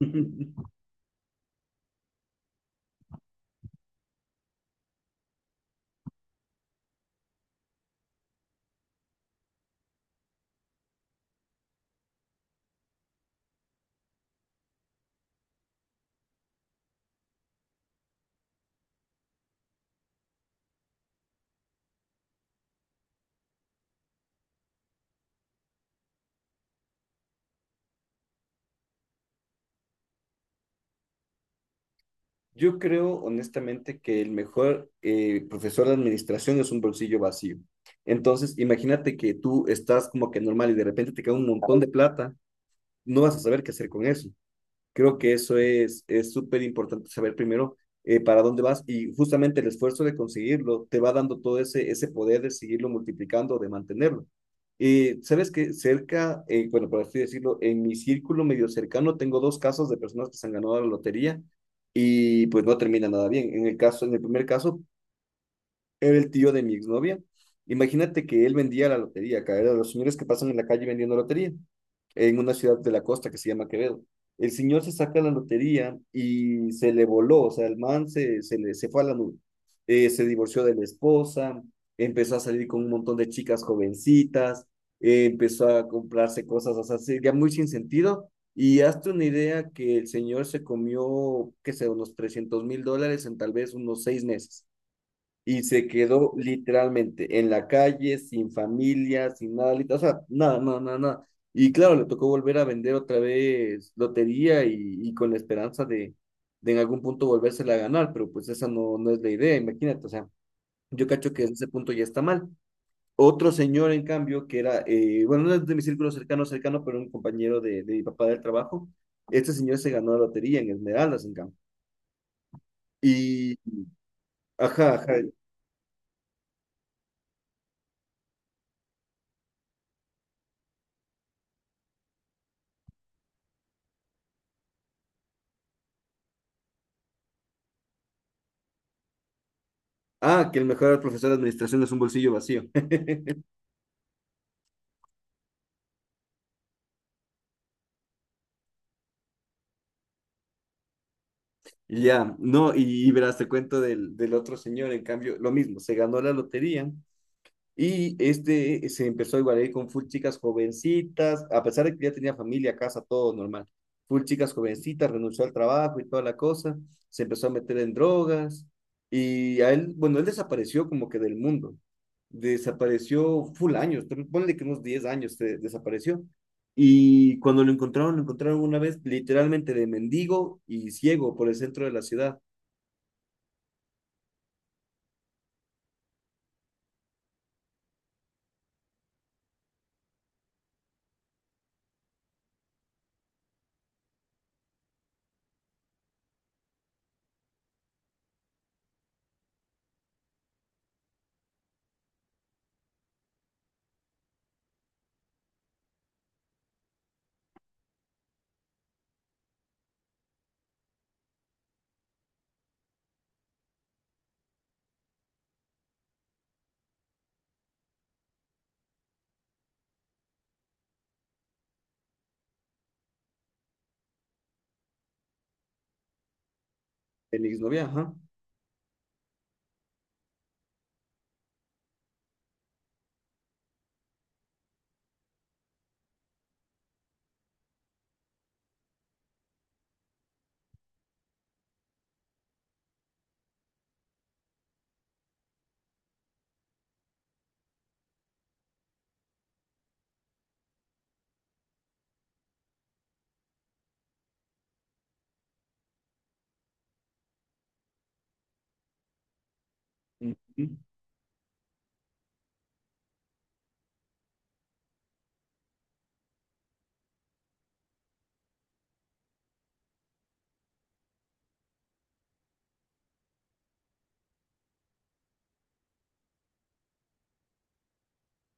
Yo creo honestamente que el mejor profesor de administración es un bolsillo vacío. Entonces, imagínate que tú estás como que normal y de repente te cae un montón de plata, no vas a saber qué hacer con eso. Creo que eso es súper importante saber primero para dónde vas y justamente el esfuerzo de conseguirlo te va dando todo ese poder de seguirlo multiplicando, de mantenerlo. Y sabes que cerca, bueno, por así decirlo, en mi círculo medio cercano tengo dos casos de personas que se han ganado la lotería y pues no termina nada bien. En el primer caso, era el tío de mi exnovia. Imagínate que él vendía la lotería, acá era de los señores que pasan en la calle vendiendo lotería, en una ciudad de la costa que se llama Quevedo. El señor se saca la lotería y se le voló, o sea, el man se fue a la nube. Se divorció de la esposa, empezó a salir con un montón de chicas jovencitas, empezó a comprarse cosas, o sea, ya muy sin sentido. Y hazte una idea que el señor se comió, qué sé, unos 300.000 dólares en tal vez unos 6 meses y se quedó literalmente en la calle, sin familia, sin nada, o sea, nada, nada, nada, nada. Y claro, le tocó volver a vender otra vez lotería y con la esperanza de en algún punto volvérsela a ganar, pero pues esa no es la idea, imagínate, o sea, yo cacho que desde ese punto ya está mal. Otro señor, en cambio, que era, bueno, no es de mi círculo cercano, cercano, pero un compañero de mi papá del trabajo, este señor se ganó la lotería en Esmeraldas, en cambio. Y, ajá, ajá. Ah, que el mejor profesor de administración es un bolsillo vacío. Y ya, no, y verás, te cuento del otro señor, en cambio, lo mismo, se ganó la lotería. Y este se empezó igual a ir con full chicas jovencitas, a pesar de que ya tenía familia, casa, todo normal. Full chicas jovencitas, renunció al trabajo y toda la cosa, se empezó a meter en drogas y a él, bueno, él desapareció como que del mundo. Desapareció full años, pero ponle que unos 10 años se desapareció. Y cuando lo encontraron una vez literalmente de mendigo y ciego por el centro de la ciudad. El exnovia, ajá. Ujú,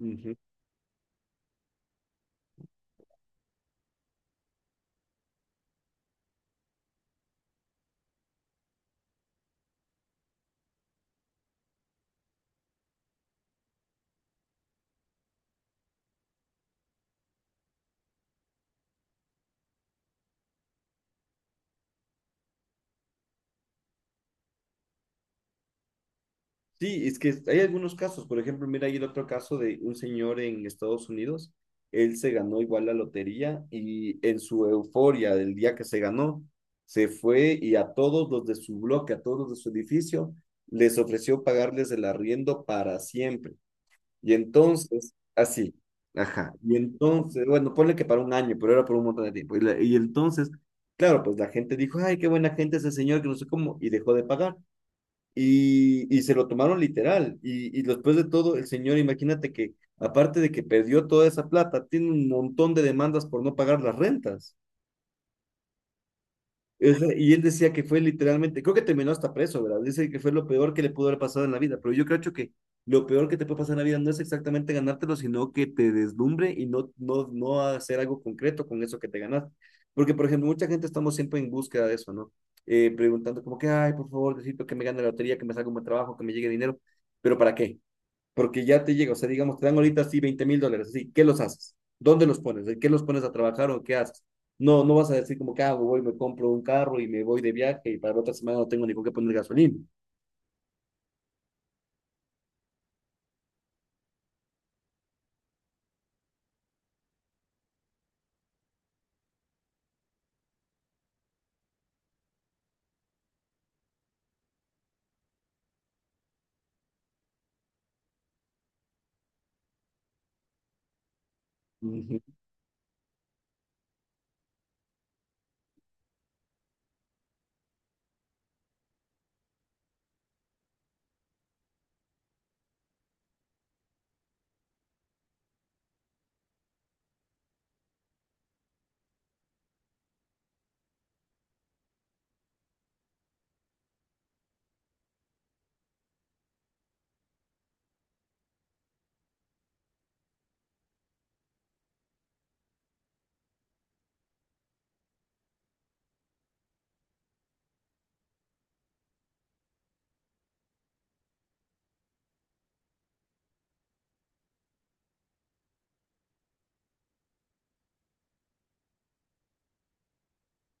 ujú. Sí, es que hay algunos casos. Por ejemplo, mira, hay el otro caso de un señor en Estados Unidos. Él se ganó igual la lotería y en su euforia del día que se ganó, se fue y a todos los de su bloque, a todos los de su edificio, les ofreció pagarles el arriendo para siempre. Y entonces, así, ajá. Y entonces, bueno, ponle que para un año, pero era por un montón de tiempo. Y entonces, claro, pues la gente dijo, ay, qué buena gente ese señor, que no sé cómo, y dejó de pagar y se lo tomaron literal. Y después de todo, el señor, imagínate que aparte de que perdió toda esa plata, tiene un montón de demandas por no pagar las rentas. O Y él decía que fue literalmente, creo que terminó hasta preso, ¿verdad? Dice que fue lo peor que le pudo haber pasado en la vida, pero yo creo, Cho, que lo peor que te puede pasar en la vida no es exactamente ganártelo, sino que te deslumbre y no, no, no hacer algo concreto con eso que te ganaste. Porque, por ejemplo, mucha gente estamos siempre en búsqueda de eso, ¿no? Preguntando como que, ay, por favor, necesito que me gane la lotería, que me salga un buen trabajo, que me llegue dinero, pero ¿para qué? Porque ya te llega, o sea, digamos, te dan ahorita sí 20.000 dólares, así, ¿qué los haces? ¿Dónde los pones? ¿En qué los pones a trabajar o qué haces? No, no vas a decir como que hago, voy, me compro un carro y me voy de viaje y para la otra semana no tengo ni con qué poner gasolina. Ujú.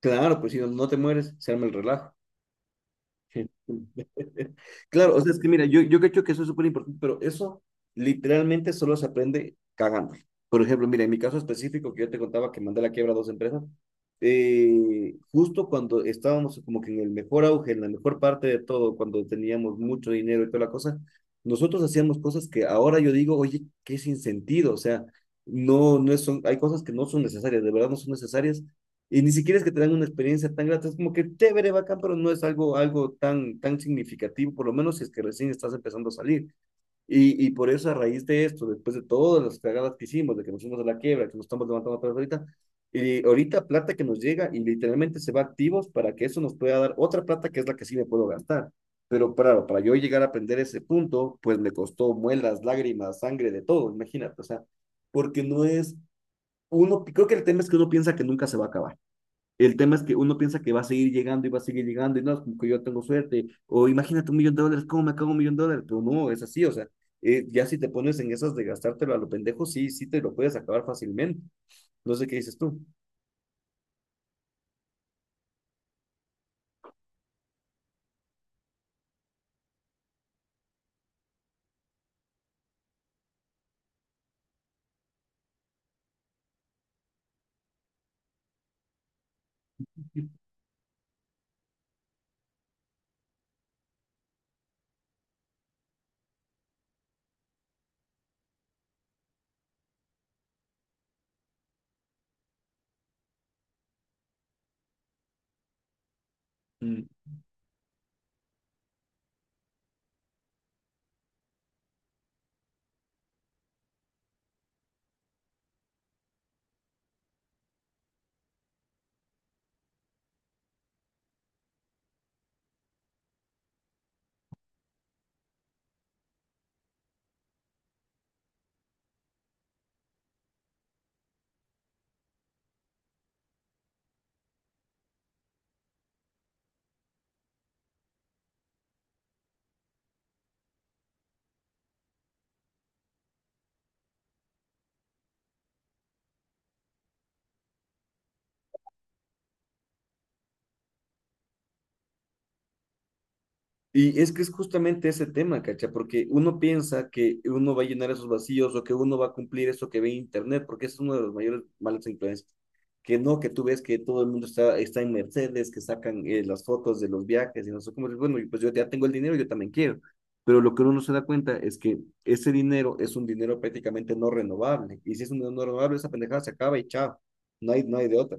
Claro, pues si no, no te mueres, se arma el relajo. Claro, o sea, es que mira, yo creo que eso es súper importante, pero eso literalmente solo se aprende cagando. Por ejemplo, mira, en mi caso específico que yo te contaba que mandé a la quiebra a dos empresas, justo cuando estábamos como que en el mejor auge, en la mejor parte de todo, cuando teníamos mucho dinero y toda la cosa, nosotros hacíamos cosas que ahora yo digo, oye, qué sin sentido, o sea, no, no son, hay cosas que no son necesarias, de verdad no son necesarias, y ni siquiera es que te dan una experiencia tan grata, es como que chévere, bacán, pero no es algo, tan, tan significativo, por lo menos si es que recién estás empezando a salir. Y por eso, a raíz de esto, después de todas las cagadas que hicimos, de que nos fuimos a la quiebra, que nos estamos levantando atrás ahorita, y ahorita plata que nos llega y literalmente se va a activos para que eso nos pueda dar otra plata que es la que sí me puedo gastar. Pero claro, para yo llegar a aprender ese punto, pues me costó muelas, lágrimas, sangre, de todo, imagínate, o sea, porque no es, uno, creo que el tema es que uno piensa que nunca se va a acabar. El tema es que uno piensa que va a seguir llegando y va a seguir llegando y no, es como que yo tengo suerte, o imagínate 1 millón de dólares, ¿cómo me acabo 1 millón de dólares? Pero no, es así, o sea, ya si te pones en esas de gastártelo a lo pendejo, sí, sí te lo puedes acabar fácilmente. No sé qué dices tú. Mm. Y es que es justamente ese tema, ¿cacha? Porque uno piensa que uno va a llenar esos vacíos o que uno va a cumplir eso que ve en Internet, porque es uno de los mayores malas influencias. Que no, que tú ves que todo el mundo está en Mercedes, que sacan las fotos de los viajes y no sé cómo. Y bueno, pues yo ya tengo el dinero, yo también quiero. Pero lo que uno no se da cuenta es que ese dinero es un dinero prácticamente no renovable. Y si es un dinero no renovable, esa pendejada se acaba y chao. No hay de otra.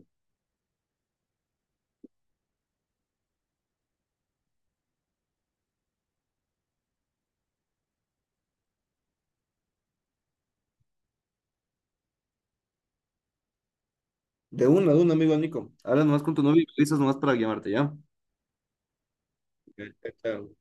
De una, de un amigo, Nico. Habla nomás con tu novio y dices nomás para llamarte, ¿ya? Ok, chao.